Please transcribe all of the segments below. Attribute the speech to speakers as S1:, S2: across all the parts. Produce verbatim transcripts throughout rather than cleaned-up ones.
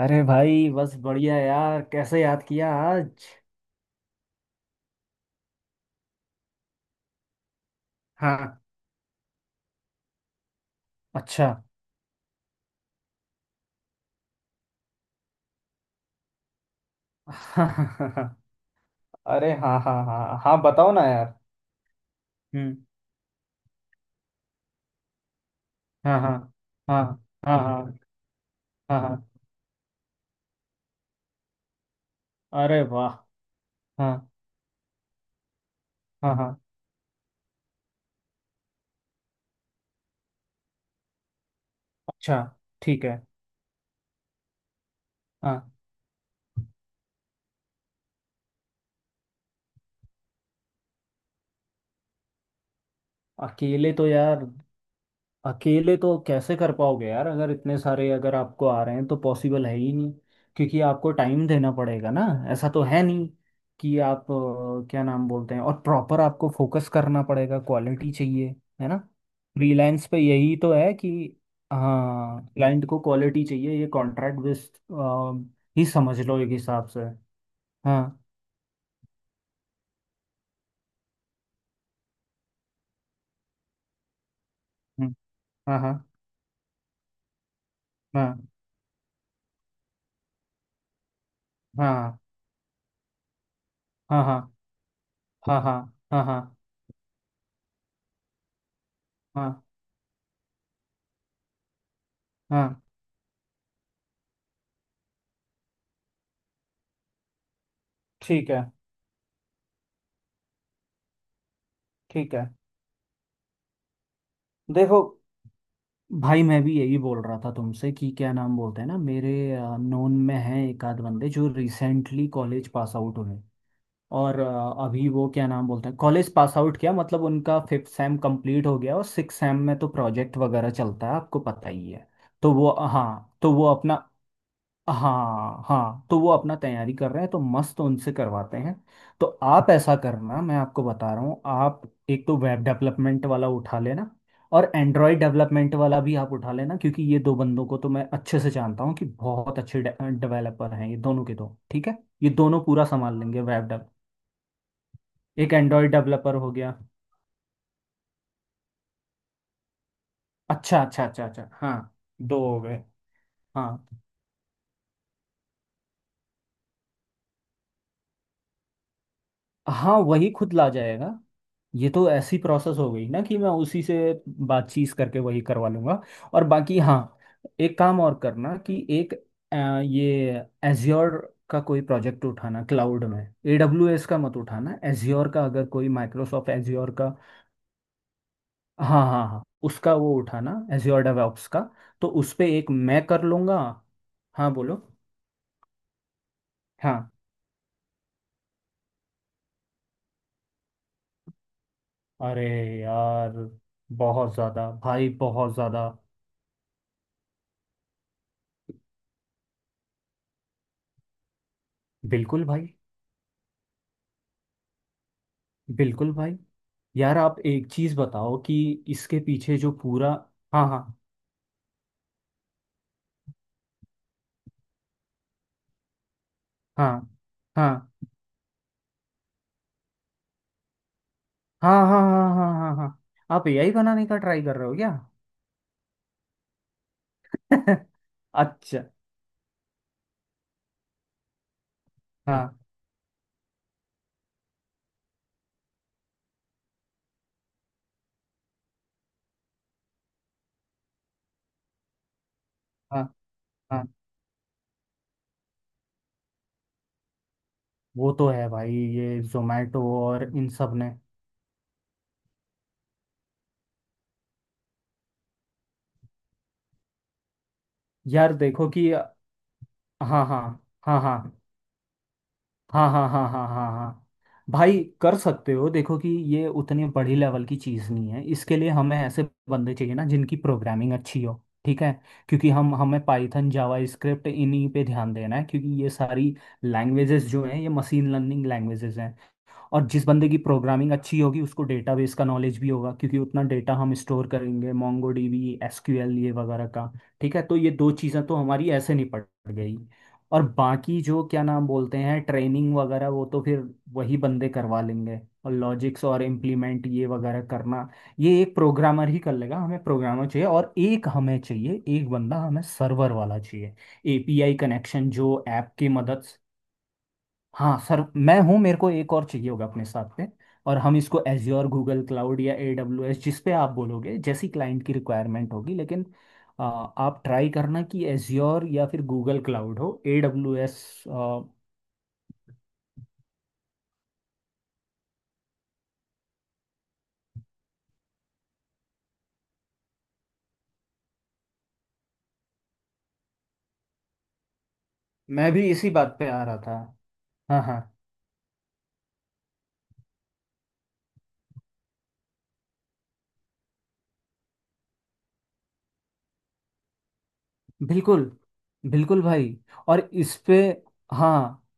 S1: अरे भाई बस बढ़िया यार। कैसे याद किया आज। हाँ। अच्छा। अरे हाँ हाँ हाँ हाँ, बताओ ना यार। हम्म। हाँ हाँ हाँ हाँ हाँ हाँ हाँ। अरे वाह। हाँ हाँ हाँ। अच्छा। ठीक है। हाँ। अकेले तो यार, अकेले तो कैसे कर पाओगे यार। अगर इतने सारे अगर आपको आ रहे हैं तो पॉसिबल है ही नहीं। क्योंकि आपको टाइम देना पड़ेगा ना। ऐसा तो है नहीं कि आप अ, क्या नाम बोलते हैं। और प्रॉपर आपको फोकस करना पड़ेगा, क्वालिटी चाहिए, है ना। फ्रीलांस पे यही तो है कि हाँ, क्लाइंट को क्वालिटी चाहिए। ये कॉन्ट्रैक्ट बेस्ड ही समझ लो एक हिसाब से। हाँ। हम्म। हाँ हाँ हाँ हाँ हाँ हाँ हाँ हाँ हाँ हाँ हाँ हाँ। ठीक है। ठीक है। देखो भाई, मैं भी यही बोल रहा था तुमसे कि क्या नाम बोलते हैं ना, मेरे नोन में हैं एक आध बंदे जो रिसेंटली कॉलेज पास आउट हुए। और अ, अभी वो क्या नाम बोलते हैं, कॉलेज पास आउट किया मतलब उनका फिफ्थ सेम कंप्लीट हो गया और सिक्स सेम में तो प्रोजेक्ट वगैरह चलता है, आपको पता ही है। तो वो हाँ, तो वो अपना हाँ हाँ, तो वो अपना तैयारी कर रहे हैं, तो मस्त उनसे करवाते हैं। तो आप ऐसा करना, मैं आपको बता रहा हूँ, आप एक तो वेब डेवलपमेंट वाला उठा लेना और एंड्रॉयड डेवलपमेंट वाला भी आप उठा लेना, क्योंकि ये दो बंदों को तो मैं अच्छे से जानता हूँ कि बहुत अच्छे डेवलपर हैं ये दोनों के दो, ठीक है। ये दोनों पूरा संभाल लेंगे वेब डेव। एक एंड्रॉयड डेवलपर हो गया। अच्छा अच्छा अच्छा अच्छा, हाँ। दो हो गए। हाँ हाँ, वही खुद ला जाएगा। ये तो ऐसी प्रोसेस हो गई ना कि मैं उसी से बातचीत करके वही करवा लूंगा। और बाकी हाँ, एक काम और करना कि एक अ, ये एज्योर का कोई प्रोजेक्ट उठाना क्लाउड में, A W S का मत उठाना, एज्योर का, अगर कोई माइक्रोसॉफ्ट एज्योर का। हाँ हाँ हाँ, उसका वो उठाना एज्योर डेवऑप्स का। तो उस पे एक मैं कर लूँगा। हाँ बोलो। हाँ। अरे यार, बहुत ज़्यादा भाई, बहुत ज़्यादा। बिल्कुल भाई। बिल्कुल भाई। यार आप एक चीज बताओ कि इसके पीछे जो पूरा, हाँ हाँ हाँ हाँ हाँ हाँ हाँ हाँ हाँ हाँ हाँ। आप एआई बनाने का ट्राई कर रहे हो क्या। अच्छा। हाँ हाँ हाँ। वो तो है भाई, ये जोमेटो और इन सब ने। यार देखो कि हाँ। हाँ हाँ हाँ हाँ हाँ हाँ हाँ हाँ हाँ। भाई कर सकते हो, देखो कि ये उतनी बड़ी लेवल की चीज़ नहीं है, इसके लिए हमें ऐसे बंदे चाहिए ना जिनकी प्रोग्रामिंग अच्छी हो। ठीक है। क्योंकि हम हमें पाइथन जावा स्क्रिप्ट इन्हीं पे ध्यान देना है क्योंकि ये सारी लैंग्वेजेस जो हैं ये मशीन लर्निंग लैंग्वेजेस हैं। और जिस बंदे की प्रोग्रामिंग अच्छी होगी उसको डेटाबेस का नॉलेज भी होगा क्योंकि उतना डेटा हम स्टोर करेंगे मोंगो डीबी एसक्यूएल ये वगैरह का। ठीक है, तो ये दो चीज़ें तो हमारी ऐसे निपट गई। और बाकी जो क्या नाम बोलते हैं, ट्रेनिंग वगैरह, वो तो फिर वही बंदे करवा लेंगे। और लॉजिक्स और इम्प्लीमेंट ये वगैरह करना ये एक प्रोग्रामर ही कर लेगा, हमें प्रोग्रामर चाहिए और एक हमें चाहिए, एक बंदा हमें सर्वर वाला चाहिए। एपीआई कनेक्शन जो ऐप की मदद। हाँ सर, मैं हूँ, मेरे को एक और चाहिए होगा अपने साथ पे। और हम इसको एज्योर, गूगल क्लाउड या ए डब्ल्यू एस, जिस पे आप बोलोगे, जैसी क्लाइंट की रिक्वायरमेंट होगी, लेकिन आ, आप ट्राई करना कि एज्योर या फिर गूगल क्लाउड हो, ए डब्ल्यू एस। मैं भी इसी बात पे आ रहा था। हाँ हाँ। बिल्कुल। बिल्कुल भाई। और इस पे, हाँ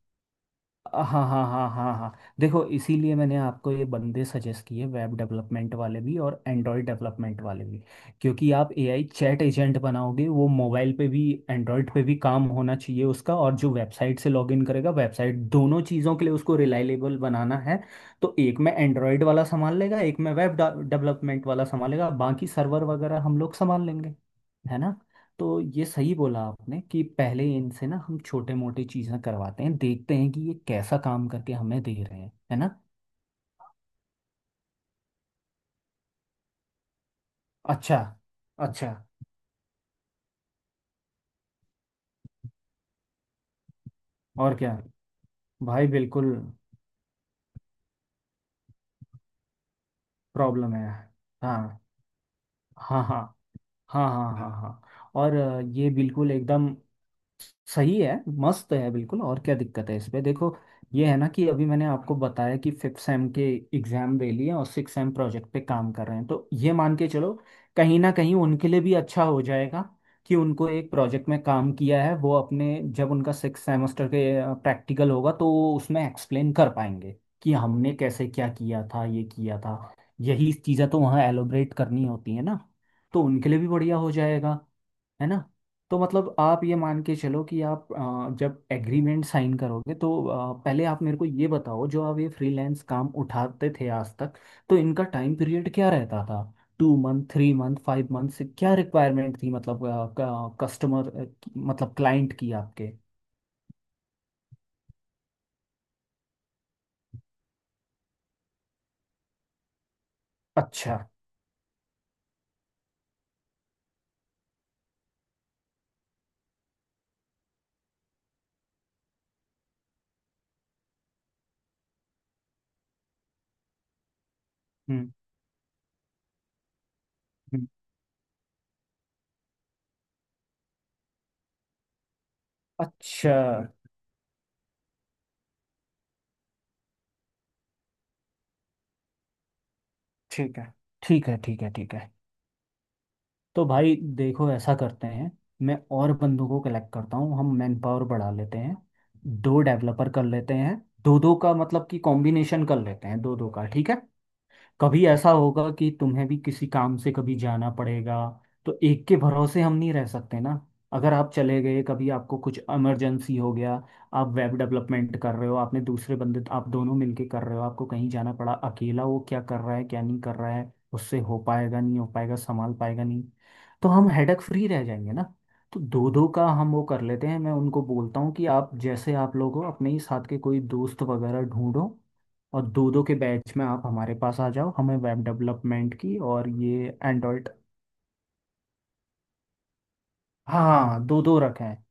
S1: हाँ हाँ हाँ हाँ हाँ। देखो, इसीलिए मैंने आपको ये बंदे सजेस्ट किए, वेब डेवलपमेंट वाले भी और एंड्रॉयड डेवलपमेंट वाले भी। क्योंकि आप एआई चैट एजेंट बनाओगे, वो मोबाइल पे भी, एंड्रॉयड पे भी काम होना चाहिए उसका, और जो वेबसाइट से लॉगिन करेगा, वेबसाइट, दोनों चीज़ों के लिए उसको रिलायबल बनाना है। तो एक में एंड्रॉयड वाला संभाल लेगा, एक में वेब डेवलपमेंट वाला संभालेगा, बाकी सर्वर वगैरह हम लोग संभाल लेंगे, है ना। तो ये सही बोला आपने कि पहले इनसे ना हम छोटे मोटे चीज़ें करवाते हैं, देखते हैं कि ये कैसा काम करके हमें दे रहे हैं, है ना। अच्छा। अच्छा। और क्या। भाई बिल्कुल। प्रॉब्लम है। हाँ हाँ हाँ हाँ हाँ हाँ हाँ हाँ, और अ, ये बिल्कुल एकदम सही है, मस्त है बिल्कुल। और क्या दिक्कत है इसमें, देखो ये है ना कि अभी मैंने आपको बताया कि फिफ्थ सेम के एग्जाम दे लिए हैं और सिक्स सेम प्रोजेक्ट पे काम कर रहे हैं, तो ये मान के चलो कहीं ना कहीं उनके लिए भी अच्छा हो जाएगा, कि उनको एक प्रोजेक्ट में काम किया है वो, अपने जब उनका सिक्स सेमेस्टर के प्रैक्टिकल होगा तो वो उसमें एक्सप्लेन कर पाएंगे कि हमने कैसे क्या किया था, ये किया था, यही चीज़ें तो वहाँ एलोबरेट करनी होती है ना, तो उनके लिए भी बढ़िया हो जाएगा, है ना। तो मतलब आप ये मान के चलो कि आप अ, जब एग्रीमेंट साइन करोगे तो अ, पहले आप मेरे को ये बताओ जो आप ये फ्रीलांस काम उठाते थे आज तक, तो इनका टाइम पीरियड क्या रहता था, two month, three month, five month से क्या रिक्वायरमेंट थी, मतलब कस्टमर, मतलब क्लाइंट की आपके। अच्छा। हम्म। हम्म। अच्छा। ठीक है ठीक है ठीक है ठीक है, तो भाई देखो ऐसा करते हैं, मैं और बंदों को कलेक्ट करता हूँ, हम मैन पावर बढ़ा लेते हैं, दो डेवलपर कर लेते हैं, दो दो का मतलब कि कॉम्बिनेशन कर लेते हैं, दो दो का, ठीक है। कभी ऐसा होगा कि तुम्हें भी किसी काम से कभी जाना पड़ेगा, तो एक के भरोसे हम नहीं रह सकते ना। अगर आप चले गए, कभी आपको कुछ इमरजेंसी हो गया, आप वेब डेवलपमेंट कर रहे हो, आपने दूसरे बंदे आप दोनों मिलके कर रहे हो, आपको कहीं जाना पड़ा, अकेला वो क्या कर रहा है क्या नहीं कर रहा है, उससे हो पाएगा नहीं हो पाएगा संभाल पाएगा नहीं, तो हम हेडक फ्री रह जाएंगे ना। तो दो दो का हम वो कर लेते हैं, मैं उनको बोलता हूँ कि आप जैसे आप लोग हो, अपने ही साथ के कोई दोस्त वगैरह ढूंढो और दो दो के बैच में आप हमारे पास आ जाओ, हमें वेब डेवलपमेंट की और ये एंड्रॉयड। हाँ दो दो रखे हैं।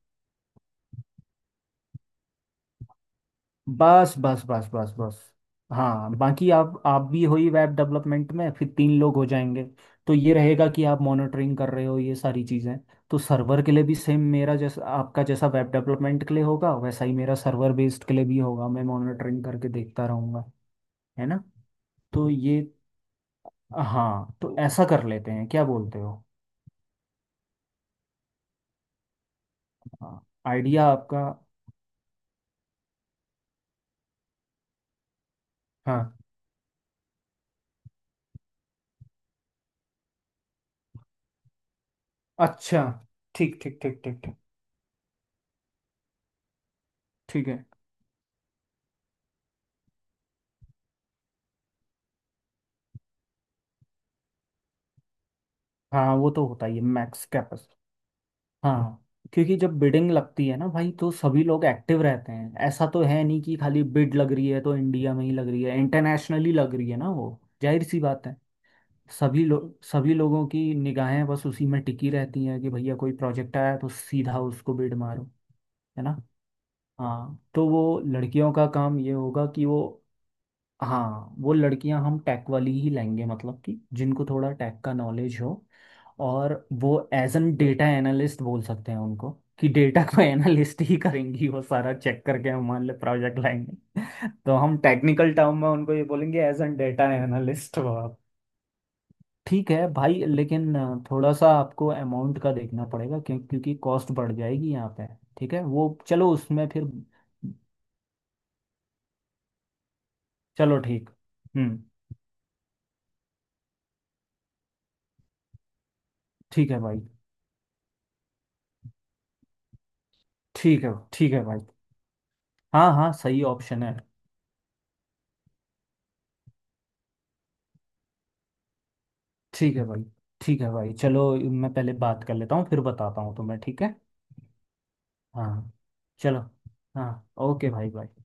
S1: बस बस बस बस बस। हाँ बाकी आप आप भी हो ही वेब डेवलपमेंट में, फिर तीन लोग हो जाएंगे। तो ये रहेगा कि आप मॉनिटरिंग कर रहे हो ये सारी चीज़ें, तो सर्वर के लिए भी सेम मेरा जैसा, आपका जैसा वेब डेवलपमेंट के लिए होगा वैसा ही मेरा सर्वर बेस्ड के लिए भी होगा, मैं मॉनिटरिंग करके देखता रहूँगा, है ना। तो ये हाँ, तो ऐसा कर लेते हैं, क्या बोलते हो। हाँ आइडिया आपका। हाँ। अच्छा। ठीक ठीक ठीक ठीक ठीक। ठीक है। हाँ, वो तो होता ही है मैक्स कैपस। हाँ। क्योंकि जब बिडिंग लगती है ना भाई तो सभी लोग एक्टिव रहते हैं, ऐसा तो है नहीं कि खाली बिड लग रही है तो इंडिया में ही लग रही है, इंटरनेशनली लग रही है ना वो, जाहिर सी बात है। सभी लोग, सभी लोगों की निगाहें बस उसी में टिकी रहती हैं कि भैया कोई प्रोजेक्ट आया तो सीधा उसको बिड मारो, है ना। हाँ तो वो लड़कियों का काम ये होगा कि वो, हाँ वो लड़कियां हम टेक वाली ही लाएंगे मतलब कि जिनको थोड़ा टेक का नॉलेज हो, और वो एज एन डेटा एनालिस्ट बोल सकते हैं उनको, कि डेटा को एनालिस्ट ही करेंगी, वो सारा चेक करके हमारे लिए प्रोजेक्ट लाएंगे। तो हम टेक्निकल टर्म में उनको ये बोलेंगे, एज एन डेटा एनालिस्ट वो, आप ठीक है भाई, लेकिन अ, थोड़ा सा आपको अमाउंट का देखना पड़ेगा क्यों, क्योंकि कॉस्ट बढ़ जाएगी यहाँ पे। ठीक है वो चलो उसमें फिर। चलो ठीक। हम्म। ठीक है भाई। ठीक है ठीक है भाई। हाँ हाँ सही ऑप्शन है। ठीक है भाई। ठीक है भाई चलो मैं पहले बात कर लेता हूँ फिर बताता हूँ तुम्हें, ठीक है। हाँ। चलो। हाँ। ओके भाई भाई।